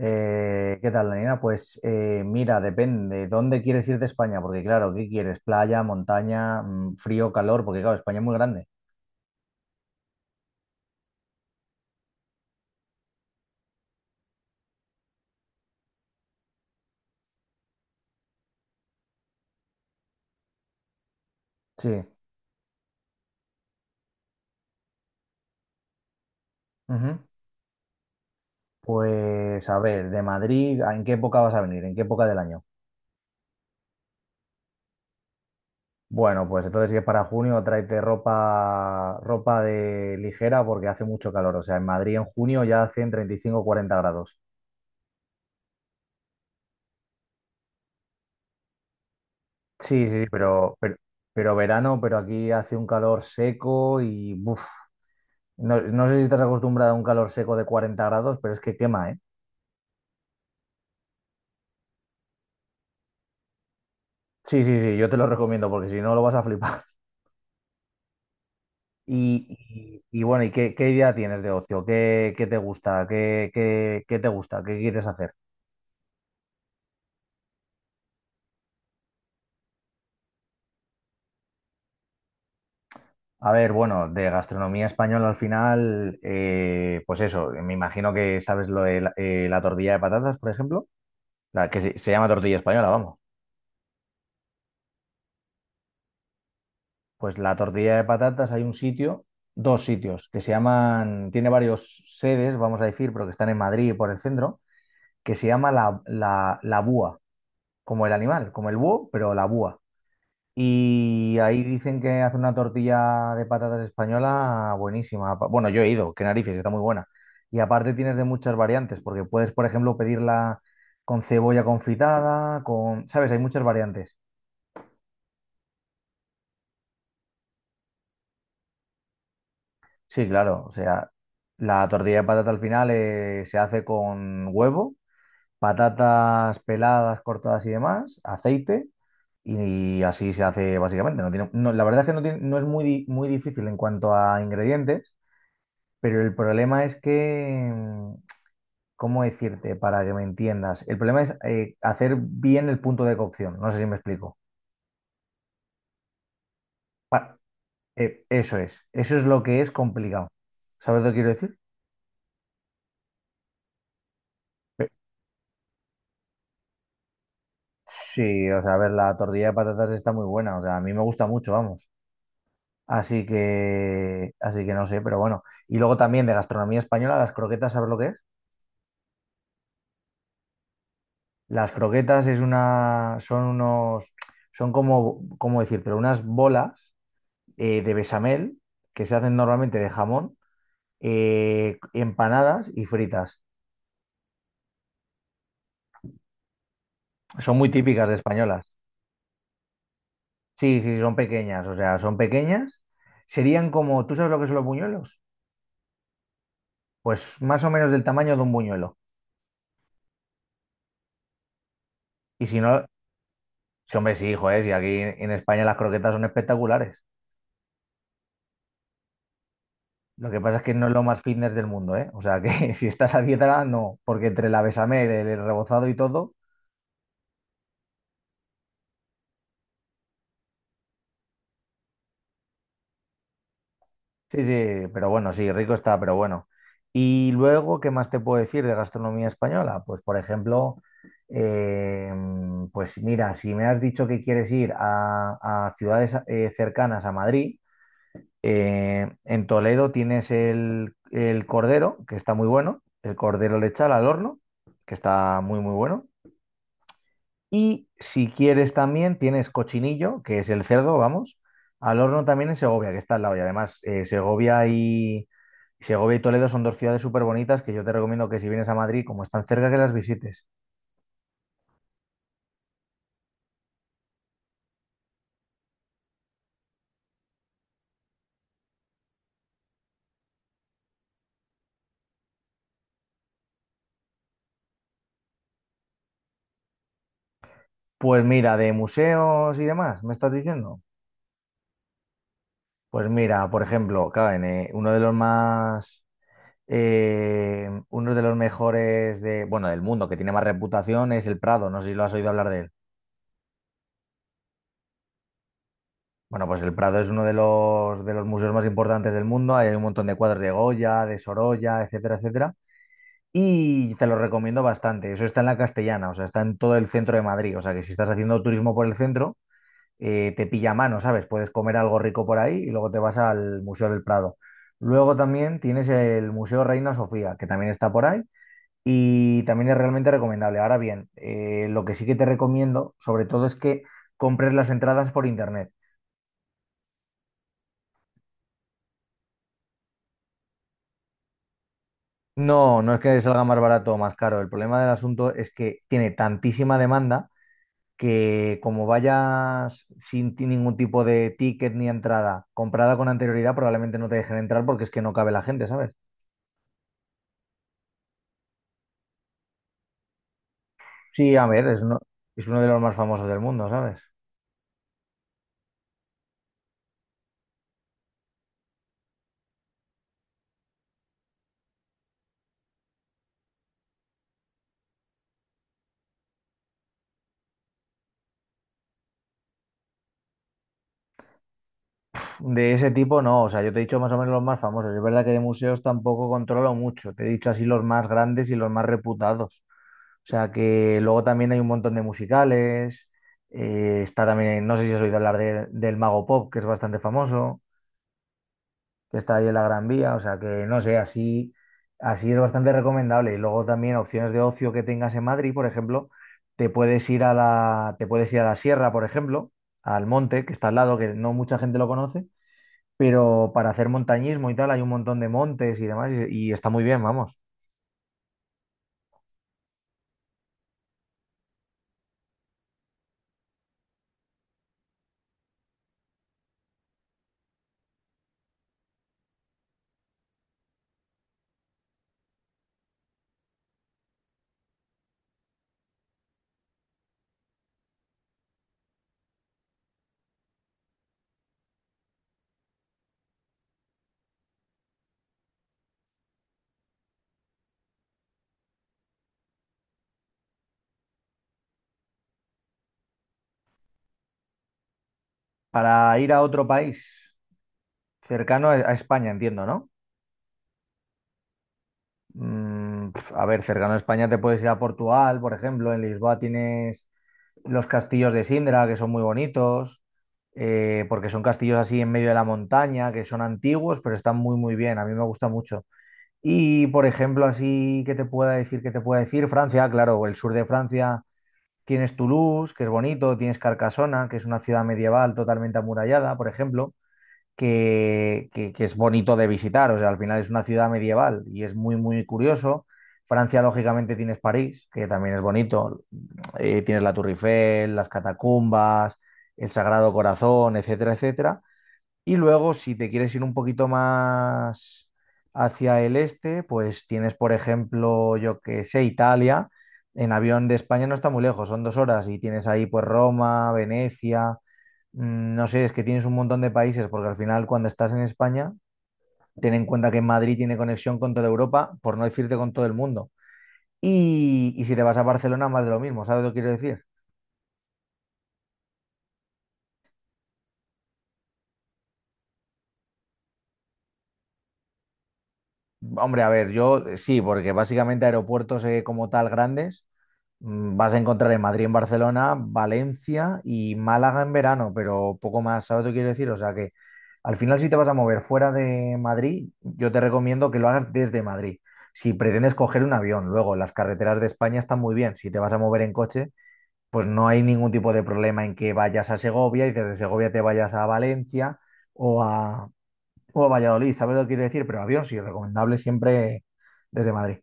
¿Qué tal, Daniela? Pues mira, depende. ¿Dónde quieres ir de España? Porque claro, ¿qué quieres? ¿Playa, montaña, frío, calor? Porque claro, España es muy grande. Sí. Ujú. Pues a ver, de Madrid, ¿en qué época vas a venir? ¿En qué época del año? Bueno, pues entonces si es para junio, tráete ropa de ligera porque hace mucho calor. O sea, en Madrid en junio ya hacen 35 o 40 grados. Sí, sí, sí, pero verano, pero aquí hace un calor seco y buf. No, no sé si estás acostumbrado a un calor seco de 40 grados, pero es que quema, ¿eh? Sí, sí, sí, yo te lo recomiendo porque si no lo vas a flipar. Y bueno, ¿y qué idea tienes de ocio? ¿Qué te gusta? ¿Qué te gusta? ¿Qué quieres hacer? A ver, bueno, de gastronomía española al final, pues eso, me imagino que sabes lo de la tortilla de patatas, por ejemplo, la que se llama tortilla española, vamos. Pues la tortilla de patatas hay un sitio, dos sitios, que se llaman, tiene varios sedes, vamos a decir, pero que están en Madrid y por el centro, que se llama la búa, como el animal, como el búho, pero la búa. Y ahí dicen que hace una tortilla de patatas española buenísima. Bueno, yo he ido, qué narices, está muy buena. Y aparte tienes de muchas variantes, porque puedes, por ejemplo, pedirla con cebolla confitada, con, ¿sabes? Hay muchas variantes. Sí, claro. O sea, la tortilla de patata al final se hace con huevo, patatas peladas, cortadas y demás, aceite, y así se hace básicamente. No tiene, no, la verdad es que no, no es muy, muy difícil en cuanto a ingredientes, pero el problema es que, ¿cómo decirte para que me entiendas? El problema es hacer bien el punto de cocción. No sé si me explico. Pa- Eso es. Eso es lo que es complicado. ¿Sabes lo que quiero decir? Sí, o sea, a ver, la tortilla de patatas está muy buena, o sea, a mí me gusta mucho, vamos. Así que no sé, pero bueno. Y luego también de gastronomía española, las croquetas, ¿sabes lo que es? Las croquetas son son como, ¿cómo decir? Pero unas bolas de bechamel que se hacen normalmente de jamón, empanadas y fritas. Son muy típicas de españolas. Sí, sí, sí, son pequeñas, o sea, son pequeñas. Serían como, ¿tú sabes lo que son los buñuelos? Pues más o menos del tamaño de un buñuelo. Y si no, sí, hombre, sí, joder, si aquí en España las croquetas son espectaculares. Lo que pasa es que no es lo más fitness del mundo, ¿eh? O sea, que si estás a dieta, no, porque entre la bechamel, el rebozado y todo, sí, sí, pero bueno, sí, rico está, pero bueno. Y luego, ¿qué más te puedo decir de gastronomía española? Pues, por ejemplo, eh, pues mira, si me has dicho que quieres ir a ciudades cercanas a Madrid. En Toledo tienes el cordero, que está muy bueno, el cordero lechal al horno, que está muy, muy bueno. Y si quieres también tienes cochinillo, que es el cerdo, vamos, al horno también en Segovia, que está al lado. Y además, Segovia y Toledo son dos ciudades súper bonitas que yo te recomiendo que si vienes a Madrid, como están cerca, que las visites. Pues mira, de museos y demás, ¿me estás diciendo? Pues mira, por ejemplo, claro, en uno de los mejores de, bueno, del mundo que tiene más reputación es el Prado. No sé si lo has oído hablar de él. Bueno, pues el Prado es uno de los museos más importantes del mundo. Ahí hay un montón de cuadros de Goya, de Sorolla, etcétera, etcétera. Y te lo recomiendo bastante. Eso está en la Castellana, o sea, está en todo el centro de Madrid. O sea, que si estás haciendo turismo por el centro, te pilla a mano, ¿sabes? Puedes comer algo rico por ahí y luego te vas al Museo del Prado. Luego también tienes el Museo Reina Sofía, que también está por ahí y también es realmente recomendable. Ahora bien, lo que sí que te recomiendo, sobre todo, es que compres las entradas por internet. No, no es que salga más barato o más caro. El problema del asunto es que tiene tantísima demanda que como vayas sin ningún tipo de ticket ni entrada comprada con anterioridad, probablemente no te dejen entrar porque es que no cabe la gente, ¿sabes? Sí, a ver, es uno de los más famosos del mundo, ¿sabes? De ese tipo no, o sea, yo te he dicho más o menos los más famosos. Es verdad que de museos tampoco controlo mucho, te he dicho así los más grandes y los más reputados. O sea, que luego también hay un montón de musicales, está también, no sé si has oído hablar del Mago Pop, que es bastante famoso, que está ahí en la Gran Vía, o sea, que no sé, así es bastante recomendable. Y luego también opciones de ocio que tengas en Madrid, por ejemplo, te puedes ir a la sierra, por ejemplo, al monte, que está al lado, que no mucha gente lo conoce pero para hacer montañismo y tal hay un montón de montes y demás y está muy bien, vamos. Para ir a otro país cercano a España, entiendo, ¿no? Pf, a ver, cercano a España te puedes ir a Portugal, por ejemplo, en Lisboa tienes los castillos de Sindra, que son muy bonitos, porque son castillos así en medio de la montaña, que son antiguos, pero están muy, muy bien, a mí me gusta mucho. Y, por ejemplo, así que te pueda decir, Francia, claro, el sur de Francia. Tienes Toulouse, que es bonito, tienes Carcasona, que es una ciudad medieval totalmente amurallada, por ejemplo, que es bonito de visitar, o sea, al final es una ciudad medieval y es muy, muy curioso. Francia, lógicamente, tienes París, que también es bonito, tienes la Tour Eiffel, las catacumbas, el Sagrado Corazón, etcétera, etcétera. Y luego, si te quieres ir un poquito más hacia el este, pues tienes, por ejemplo, yo que sé, Italia. En avión de España no está muy lejos, son 2 horas y tienes ahí pues Roma, Venecia, no sé, es que tienes un montón de países porque al final cuando estás en España, ten en cuenta que Madrid tiene conexión con toda Europa, por no decirte con todo el mundo. Y si te vas a Barcelona, más de lo mismo, ¿sabes lo que quiero decir? Hombre, a ver, yo sí, porque básicamente aeropuertos como tal grandes vas a encontrar en Madrid, en Barcelona, Valencia y Málaga en verano, pero poco más, ¿sabes lo que quiero decir? O sea que al final si te vas a mover fuera de Madrid, yo te recomiendo que lo hagas desde Madrid. Si pretendes coger un avión, luego las carreteras de España están muy bien. Si te vas a mover en coche, pues no hay ningún tipo de problema en que vayas a Segovia y desde Segovia te vayas a Valencia o a, o Valladolid, ¿sabes lo que quiero decir? Pero avión sí, recomendable siempre desde Madrid.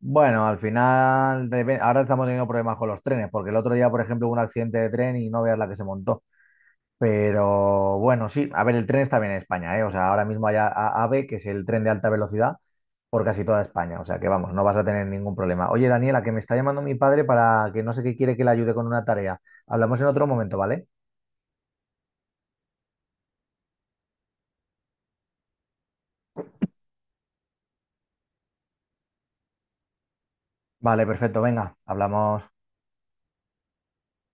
Bueno, al final, ahora estamos teniendo problemas con los trenes, porque el otro día, por ejemplo, hubo un accidente de tren y no veas la que se montó. Pero bueno, sí, a ver, el tren está bien en España, ¿eh? O sea, ahora mismo hay AVE, que es el tren de alta velocidad, por casi toda España. O sea, que vamos, no vas a tener ningún problema. Oye, Daniela, que me está llamando mi padre para que no sé qué quiere que le ayude con una tarea. Hablamos en otro momento, ¿vale? Vale, perfecto, venga, hablamos.